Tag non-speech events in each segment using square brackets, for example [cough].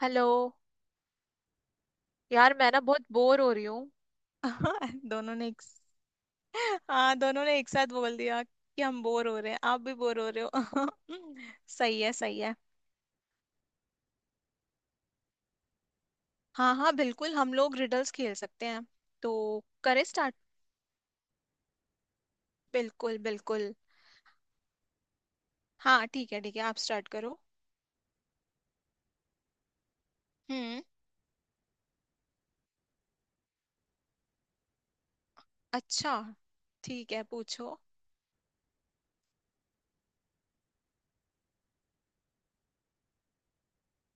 Hello. यार मैं ना बहुत बोर हो रही हूँ। [laughs] दोनों ने एक, हाँ दोनों ने एक साथ बोल दिया कि हम बोर हो रहे हैं, आप भी बोर हो रहे हो। [laughs] सही है, सही है। हाँ हाँ बिल्कुल, हम लोग रिडल्स खेल सकते हैं। तो करें स्टार्ट। बिल्कुल बिल्कुल। हाँ ठीक है ठीक है, आप स्टार्ट करो। हम्म। अच्छा, ठीक है पूछो।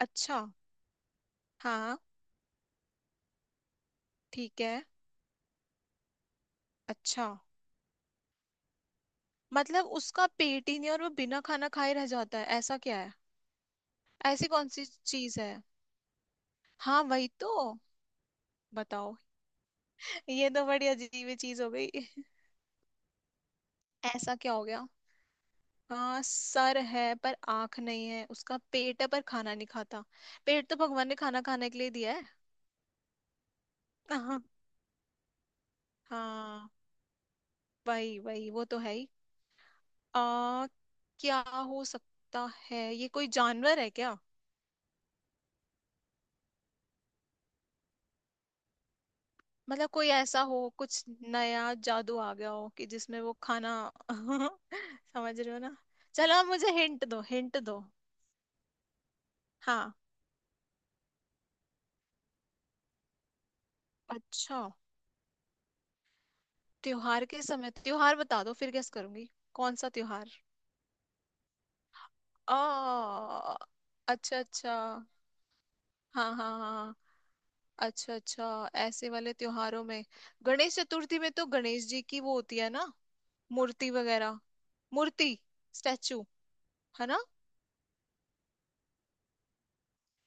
अच्छा। हाँ। ठीक है। अच्छा। मतलब उसका पेट ही नहीं और वो बिना खाना खाए रह जाता है? ऐसा क्या है? ऐसी कौन सी चीज है? हाँ वही तो। बताओ। ये तो बड़ी अजीब ही चीज हो गई। ऐसा क्या हो गया? हाँ सर है पर आंख नहीं है, उसका पेट है पर खाना नहीं खाता। पेट तो भगवान ने खाना खाने के लिए दिया है। हाँ। हाँ वही वही वो तो है ही। आ, क्या हो सकता है? ये कोई जानवर है क्या? मतलब कोई ऐसा हो, कुछ नया जादू आ गया हो कि जिसमें वो खाना, [laughs] समझ रहे हो ना। चलो मुझे हिंट दो, हिंट दो। हाँ। अच्छा त्योहार के समय? त्योहार बता दो फिर गेस करूंगी। कौन सा त्योहार? आ अच्छा अच्छा। हाँ हाँ हाँ हाँ। अच्छा अच्छा, ऐसे वाले त्योहारों में। गणेश चतुर्थी में तो गणेश जी की वो होती है ना, मूर्ति वगैरह। मूर्ति, स्टैचू, है ना?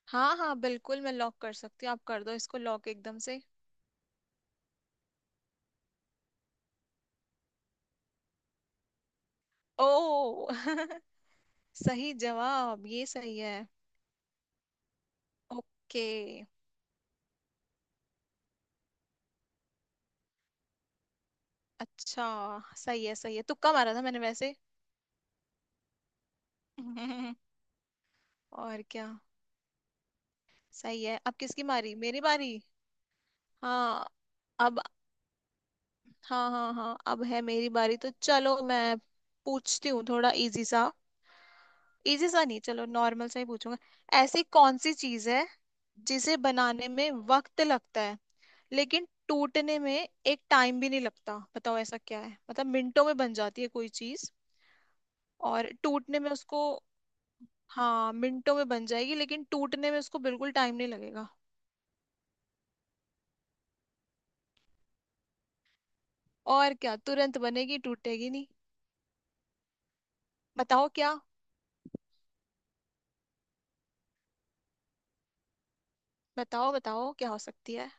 हाँ हाँ बिल्कुल, मैं लॉक कर सकती हूँ। आप कर दो इसको लॉक एकदम से। ओ [laughs] सही जवाब, ये सही है। ओके। अच्छा सही है सही है, तुक्का मारा था मैंने वैसे। [laughs] और क्या। सही है। अब किसकी बारी? मेरी बारी। हाँ। अब, हाँ हाँ हाँ अब है मेरी बारी, तो चलो मैं पूछती हूँ थोड़ा इजी सा। इजी सा नहीं, चलो नॉर्मल सा ही पूछूंगा। ऐसी कौन सी चीज है जिसे बनाने में वक्त लगता है लेकिन टूटने में एक टाइम भी नहीं लगता? बताओ ऐसा क्या है। मतलब मिनटों में बन जाती है कोई चीज, और टूटने में उसको। हाँ मिनटों में बन जाएगी लेकिन टूटने में उसको बिल्कुल टाइम नहीं लगेगा। और क्या, तुरंत बनेगी टूटेगी नहीं। बताओ क्या। बताओ बताओ क्या हो सकती है।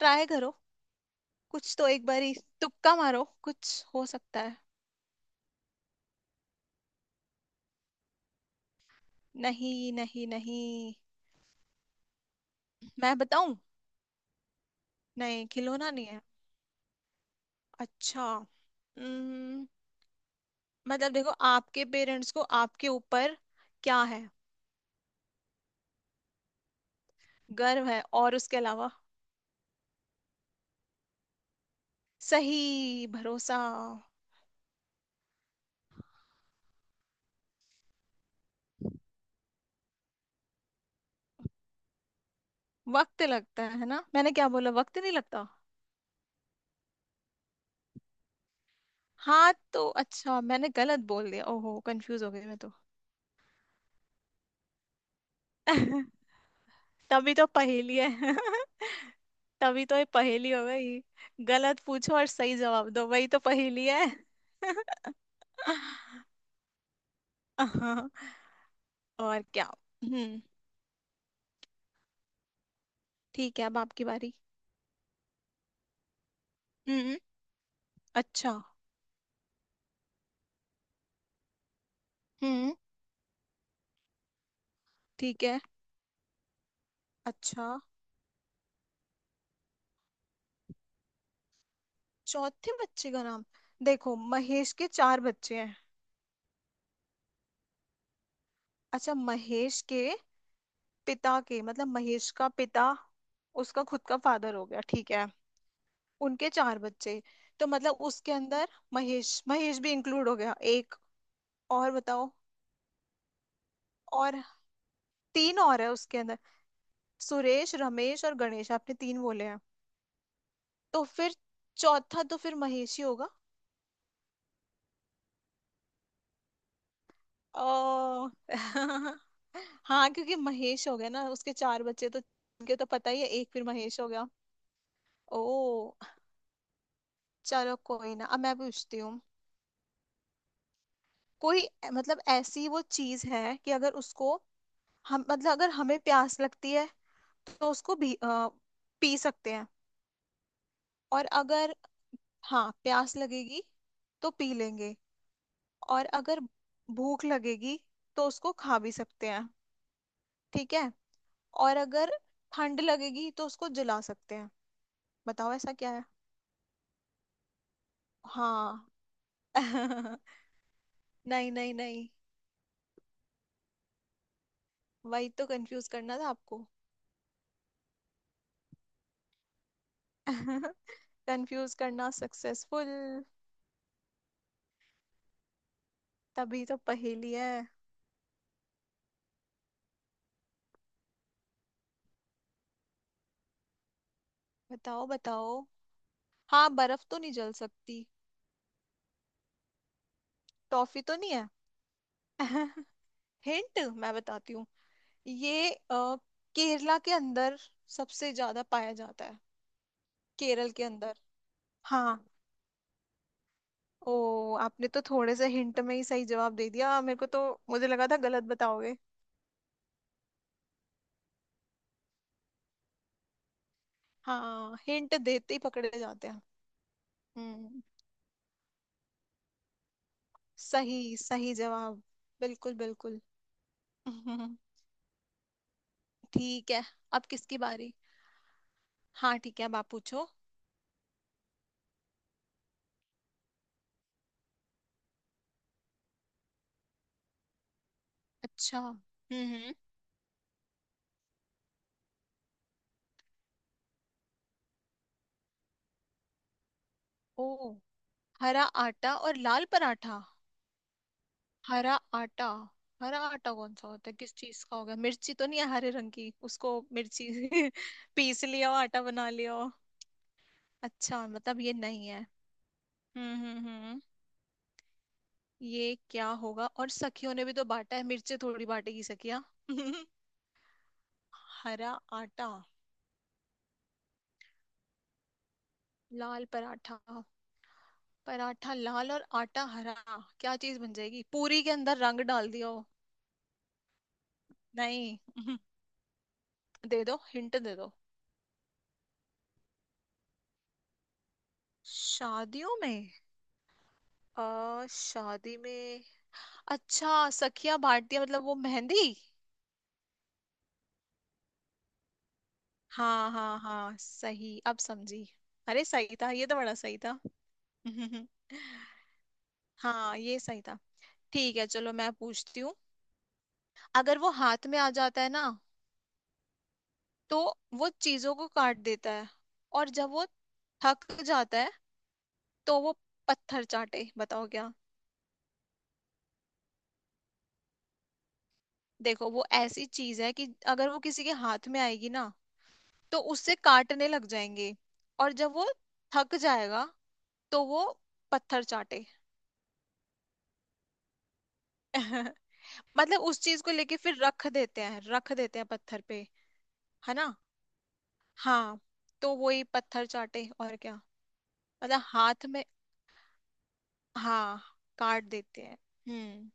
ट्राई करो। कुछ तो एक बारी तुक्का मारो, कुछ हो सकता है। नहीं नहीं नहीं। मैं बताऊं? नहीं खिलौना नहीं है। अच्छा। उम्म, मतलब देखो, आपके पेरेंट्स को आपके ऊपर क्या है? गर्व है? और उसके अलावा? सही, भरोसा। वक्त लगता है ना, मैंने क्या बोला? वक्त नहीं लगता। हाँ तो अच्छा मैंने गलत बोल दिया, ओहो कंफ्यूज हो गई मैं तो। [laughs] तभी तो पहेली है। [laughs] तभी तो ये पहेली हो गई। गलत पूछो और सही जवाब दो, वही तो पहेली है। [laughs] हाँ। और क्या। हम्म। ठीक है अब आपकी बारी। हम्म। अच्छा। हम्म। ठीक है। अच्छा। चौथे बच्चे का नाम? देखो महेश के चार बच्चे हैं। अच्छा महेश के पिता के मतलब, महेश का पिता उसका खुद का फादर हो गया ठीक है। उनके चार बच्चे, तो मतलब उसके अंदर महेश, महेश भी इंक्लूड हो गया एक। और बताओ। और तीन और है उसके अंदर? सुरेश रमेश और गणेश, आपने तीन बोले हैं। तो फिर, चौथा तो फिर महेश ही होगा। ओ [laughs] हाँ क्योंकि महेश हो गया ना उसके चार बच्चे, तो उनके तो पता ही है, एक फिर महेश हो गया। ओ। चलो कोई ना, अब मैं पूछती हूँ। कोई, मतलब ऐसी वो चीज है कि अगर उसको, हम मतलब अगर हमें प्यास लगती है तो उसको भी पी सकते हैं। और अगर, हाँ प्यास लगेगी तो पी लेंगे। और अगर भूख लगेगी तो उसको खा भी सकते हैं। ठीक है। और अगर ठंड लगेगी तो उसको जला सकते हैं। बताओ ऐसा क्या है। हाँ। [laughs] नहीं नहीं नहीं, वही तो कंफ्यूज करना था आपको। [laughs] कंफ्यूज करना सक्सेसफुल। तभी तो पहेली है। बताओ बताओ। हाँ बर्फ तो नहीं जल सकती। टॉफी तो नहीं है। [laughs] हिंट मैं बताती हूँ। ये केरला के अंदर सबसे ज्यादा पाया जाता है। केरल के अंदर। हाँ। ओ आपने तो थोड़े से हिंट में ही सही जवाब दे दिया मेरे को तो। मुझे लगा था गलत बताओगे। हाँ, हिंट देते ही पकड़े जाते हैं। हम्म। सही, सही जवाब। बिल्कुल बिल्कुल। [laughs] हम्म। ठीक है। अब किसकी बारी? हाँ ठीक है अब आप पूछो। अच्छा। ओ। हरा आटा और लाल पराठा। हरा आटा। हरा आटा कौन सा होता है, किस चीज का होगा? मिर्ची तो नहीं है, हरे रंग की उसको, मिर्ची [laughs] पीस लिया हो आटा बना लिया हो। अच्छा मतलब ये नहीं है। हम्म। ये क्या होगा, और सखियों ने भी तो बांटा है, मिर्ची थोड़ी बांटेगी सखिया। [laughs] हरा आटा, लाल पराठा। पराठा लाल और आटा हरा। क्या चीज बन जाएगी? पूरी के अंदर रंग डाल दिया हो? नहीं। [laughs] दे दो हिंट दे दो। शादियों में? शादी में? अच्छा सखिया, भारतीय, मतलब वो मेहंदी? हाँ हाँ हाँ सही, अब समझी। अरे सही था, ये तो बड़ा सही था। [laughs] हाँ ये सही था। ठीक है चलो मैं पूछती हूँ। अगर वो हाथ में आ जाता है ना तो वो चीजों को काट देता है, और जब वो थक जाता है तो वो पत्थर चाटे। बताओ क्या। देखो वो ऐसी चीज है कि अगर वो किसी के हाथ में आएगी ना तो उससे काटने लग जाएंगे, और जब वो थक जाएगा तो वो पत्थर चाटे। [laughs] मतलब उस चीज को लेके फिर रख देते हैं, रख देते हैं पत्थर पे, है ना? हाँ तो वही पत्थर चाटे, और क्या। मतलब हाथ में, हाँ काट देते हैं। हम्म।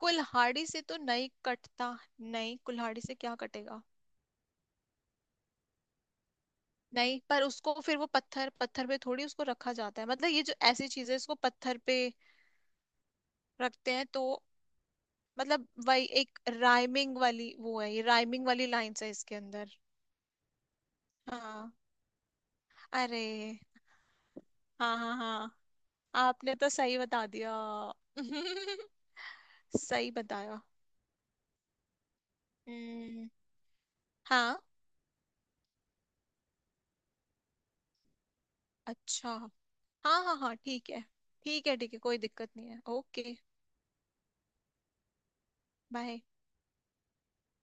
कुल्हाड़ी से तो नहीं कटता। नहीं कुल्हाड़ी से क्या कटेगा? नहीं पर उसको फिर वो पत्थर पत्थर पे थोड़ी उसको रखा जाता है, मतलब ये जो ऐसी चीजें इसको पत्थर पे रखते हैं तो। मतलब वही एक राइमिंग वाली वो है, ये राइमिंग वाली लाइंस है इसके अंदर। हाँ। अरे हाँ हाँ हाँ, आपने तो सही बता दिया। [laughs] सही बताया। हम्म। हाँ। अच्छा। हाँ हाँ हाँ ठीक है, ठीक है ठीक है कोई दिक्कत नहीं है, ओके। बाय।